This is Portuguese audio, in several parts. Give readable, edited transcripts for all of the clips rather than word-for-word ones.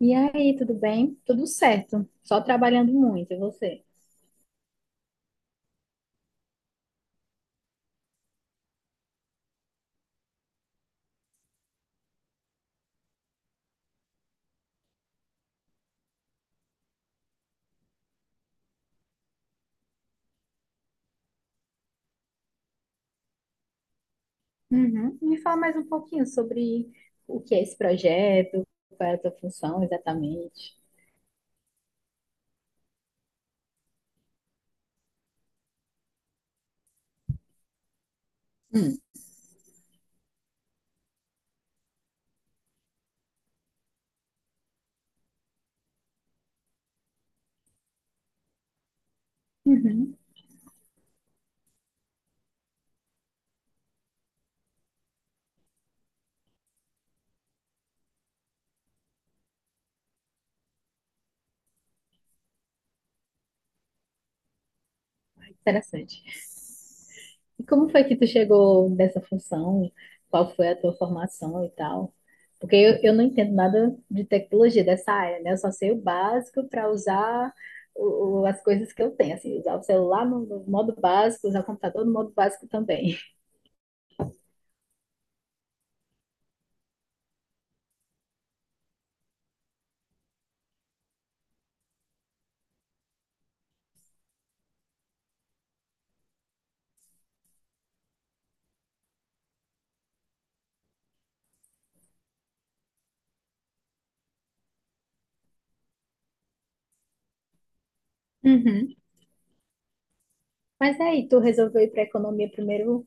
E aí, tudo bem? Tudo certo. Só trabalhando muito, e você? Uhum. Me fala mais um pouquinho sobre o que é esse projeto, qual é a tua função exatamente. Hum. Uhum. Interessante. E como foi que tu chegou nessa função? Qual foi a tua formação e tal? Porque eu não entendo nada de tecnologia dessa área, né? Eu só sei o básico para usar as coisas que eu tenho, assim, usar o celular no modo básico, usar o computador no modo básico também. Uhum. Mas aí, tu resolveu ir para economia primeiro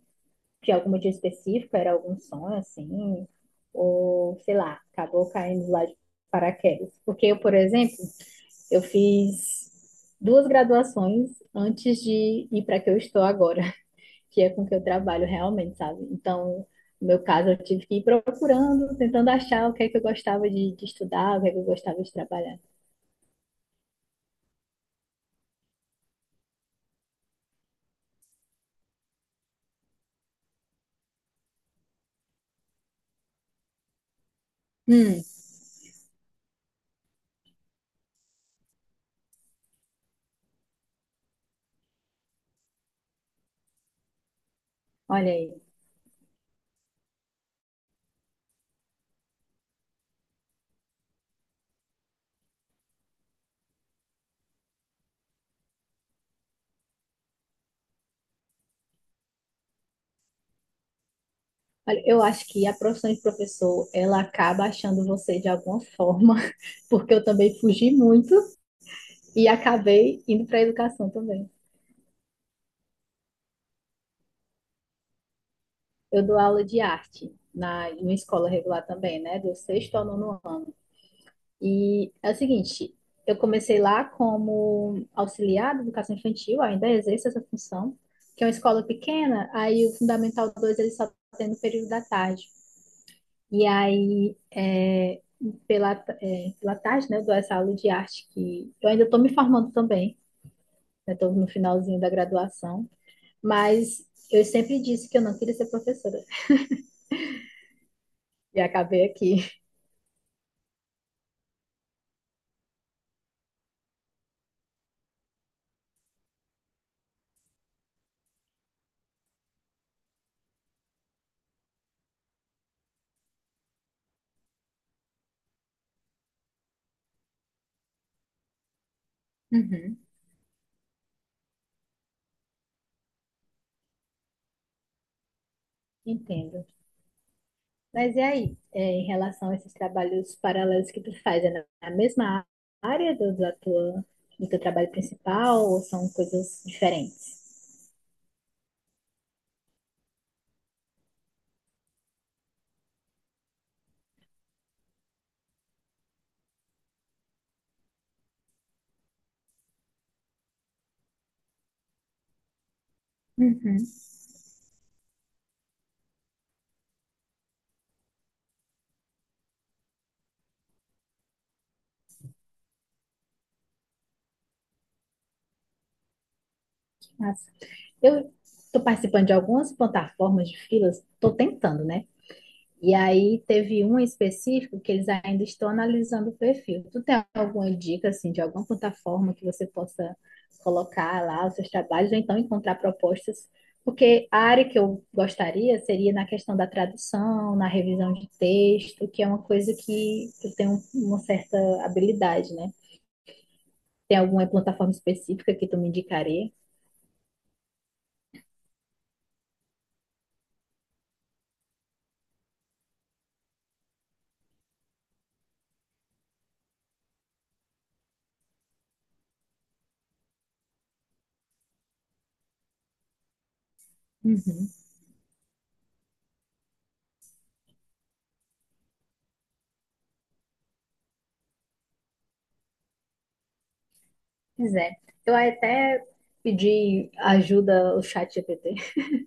de alguma dia específica? Era algum sonho assim? Ou sei lá, acabou caindo lá de paraquedas? Porque eu, por exemplo, eu fiz duas graduações antes de ir para que eu estou agora, que é com que eu trabalho realmente, sabe? Então, no meu caso, eu tive que ir procurando, tentando achar o que é que eu gostava de estudar, o que é que eu gostava de trabalhar. Hum, olha aí. Olha, eu acho que a profissão de professor, ela acaba achando você de alguma forma, porque eu também fugi muito e acabei indo para a educação também. Eu dou aula de arte numa escola regular também, né? Do sexto ao nono ano. E é o seguinte, eu comecei lá como auxiliar de educação infantil, ainda exerço essa função, que é uma escola pequena, aí o Fundamental 2 ele só tem no período da tarde. E aí, pela, pela tarde, né, eu dou essa aula de arte que eu ainda estou me formando também, né, estou no finalzinho da graduação, mas eu sempre disse que eu não queria ser professora e acabei aqui. Uhum. Entendo. Mas e aí, é, em relação a esses trabalhos paralelos que tu faz, é na mesma área do teu trabalho principal ou são coisas diferentes? Uhum. Massa. Eu estou participando de algumas plataformas de filas, estou tentando, né? E aí teve um específico que eles ainda estão analisando o perfil. Tu tem alguma dica, assim, de alguma plataforma que você possa colocar lá os seus trabalhos, ou então encontrar propostas? Porque a área que eu gostaria seria na questão da tradução, na revisão de texto, que é uma coisa que eu tenho uma certa habilidade, né? Tem alguma plataforma específica que tu me indicaria? Uhum. Pois é. Eu até pedi ajuda ao chat GPT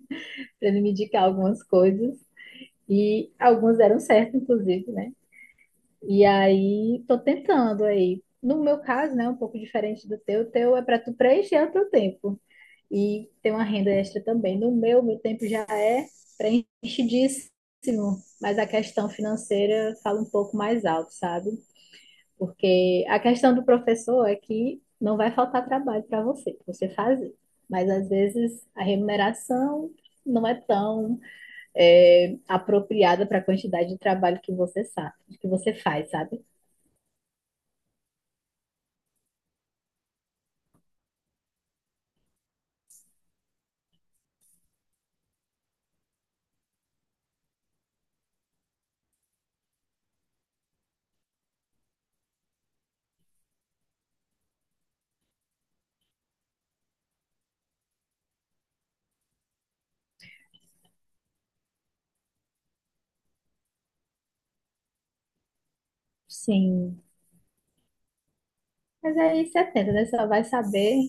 para ele me indicar algumas coisas e algumas deram certo, inclusive, né? E aí tô tentando aí. No meu caso, né, um pouco diferente do teu, o teu é para tu preencher o teu tempo e ter uma renda extra também. No meu, meu tempo já é preenchidíssimo, mas a questão financeira fala um pouco mais alto, sabe? Porque a questão do professor é que não vai faltar trabalho pra você fazer. Mas às vezes a remuneração não é tão apropriada para a quantidade de trabalho que você faz, sabe? Sim. Mas aí você atenta, né? Você só vai saber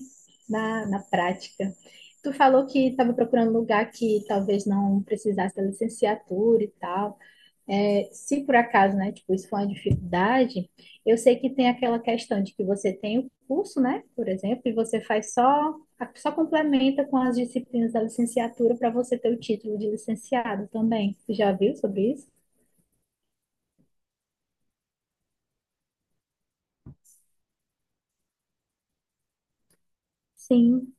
na prática. Tu falou que estava procurando um lugar que talvez não precisasse da licenciatura e tal. É, se por acaso, né, tipo, isso for uma dificuldade, eu sei que tem aquela questão de que você tem o curso, né, por exemplo, e você faz só complementa com as disciplinas da licenciatura para você ter o título de licenciado também. Você já viu sobre isso? Sim,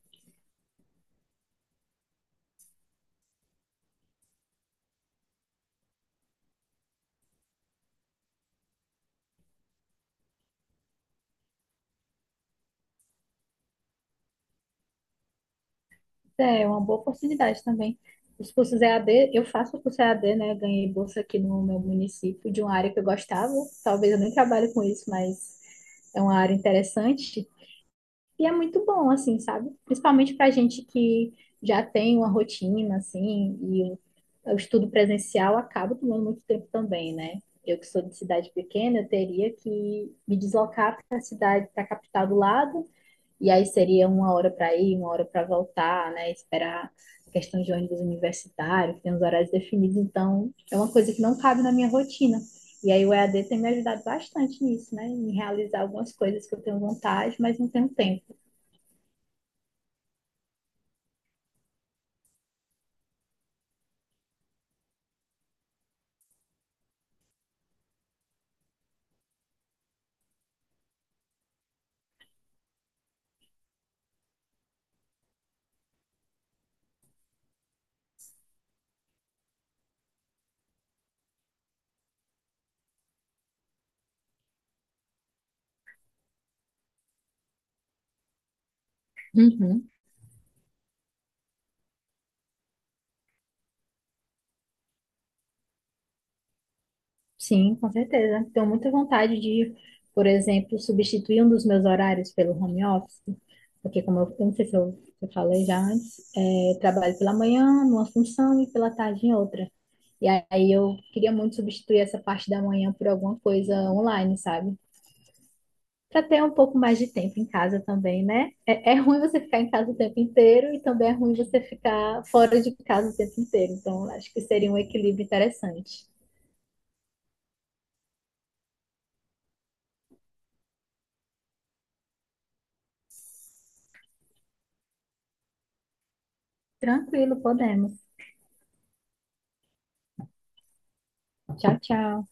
é uma boa oportunidade também. Os cursos EAD, eu faço o curso EAD, né, ganhei bolsa aqui no meu município de uma área que eu gostava, talvez eu nem trabalhe com isso, mas é uma área interessante. E é muito bom, assim, sabe? Principalmente pra gente que já tem uma rotina, assim, e o estudo presencial acaba tomando muito tempo também, né? Eu que sou de cidade pequena, eu teria que me deslocar para a cidade, para a capital do lado, e aí seria 1 hora para ir, 1 hora para voltar, né? Esperar a questão de ônibus universitário, que tem os horários definidos, então é uma coisa que não cabe na minha rotina. E aí o EAD tem me ajudado bastante nisso, né? Em realizar algumas coisas que eu tenho vontade, mas não tenho tempo. Uhum, sim, com certeza. Tenho muita vontade de, por exemplo, substituir um dos meus horários pelo home office, porque como eu não sei se eu falei já antes, trabalho pela manhã numa função e pela tarde em outra. E aí eu queria muito substituir essa parte da manhã por alguma coisa online, sabe? Para ter um pouco mais de tempo em casa também, né? É ruim você ficar em casa o tempo inteiro e também é ruim você ficar fora de casa o tempo inteiro. Então, acho que seria um equilíbrio interessante. Tranquilo, podemos. Tchau, tchau.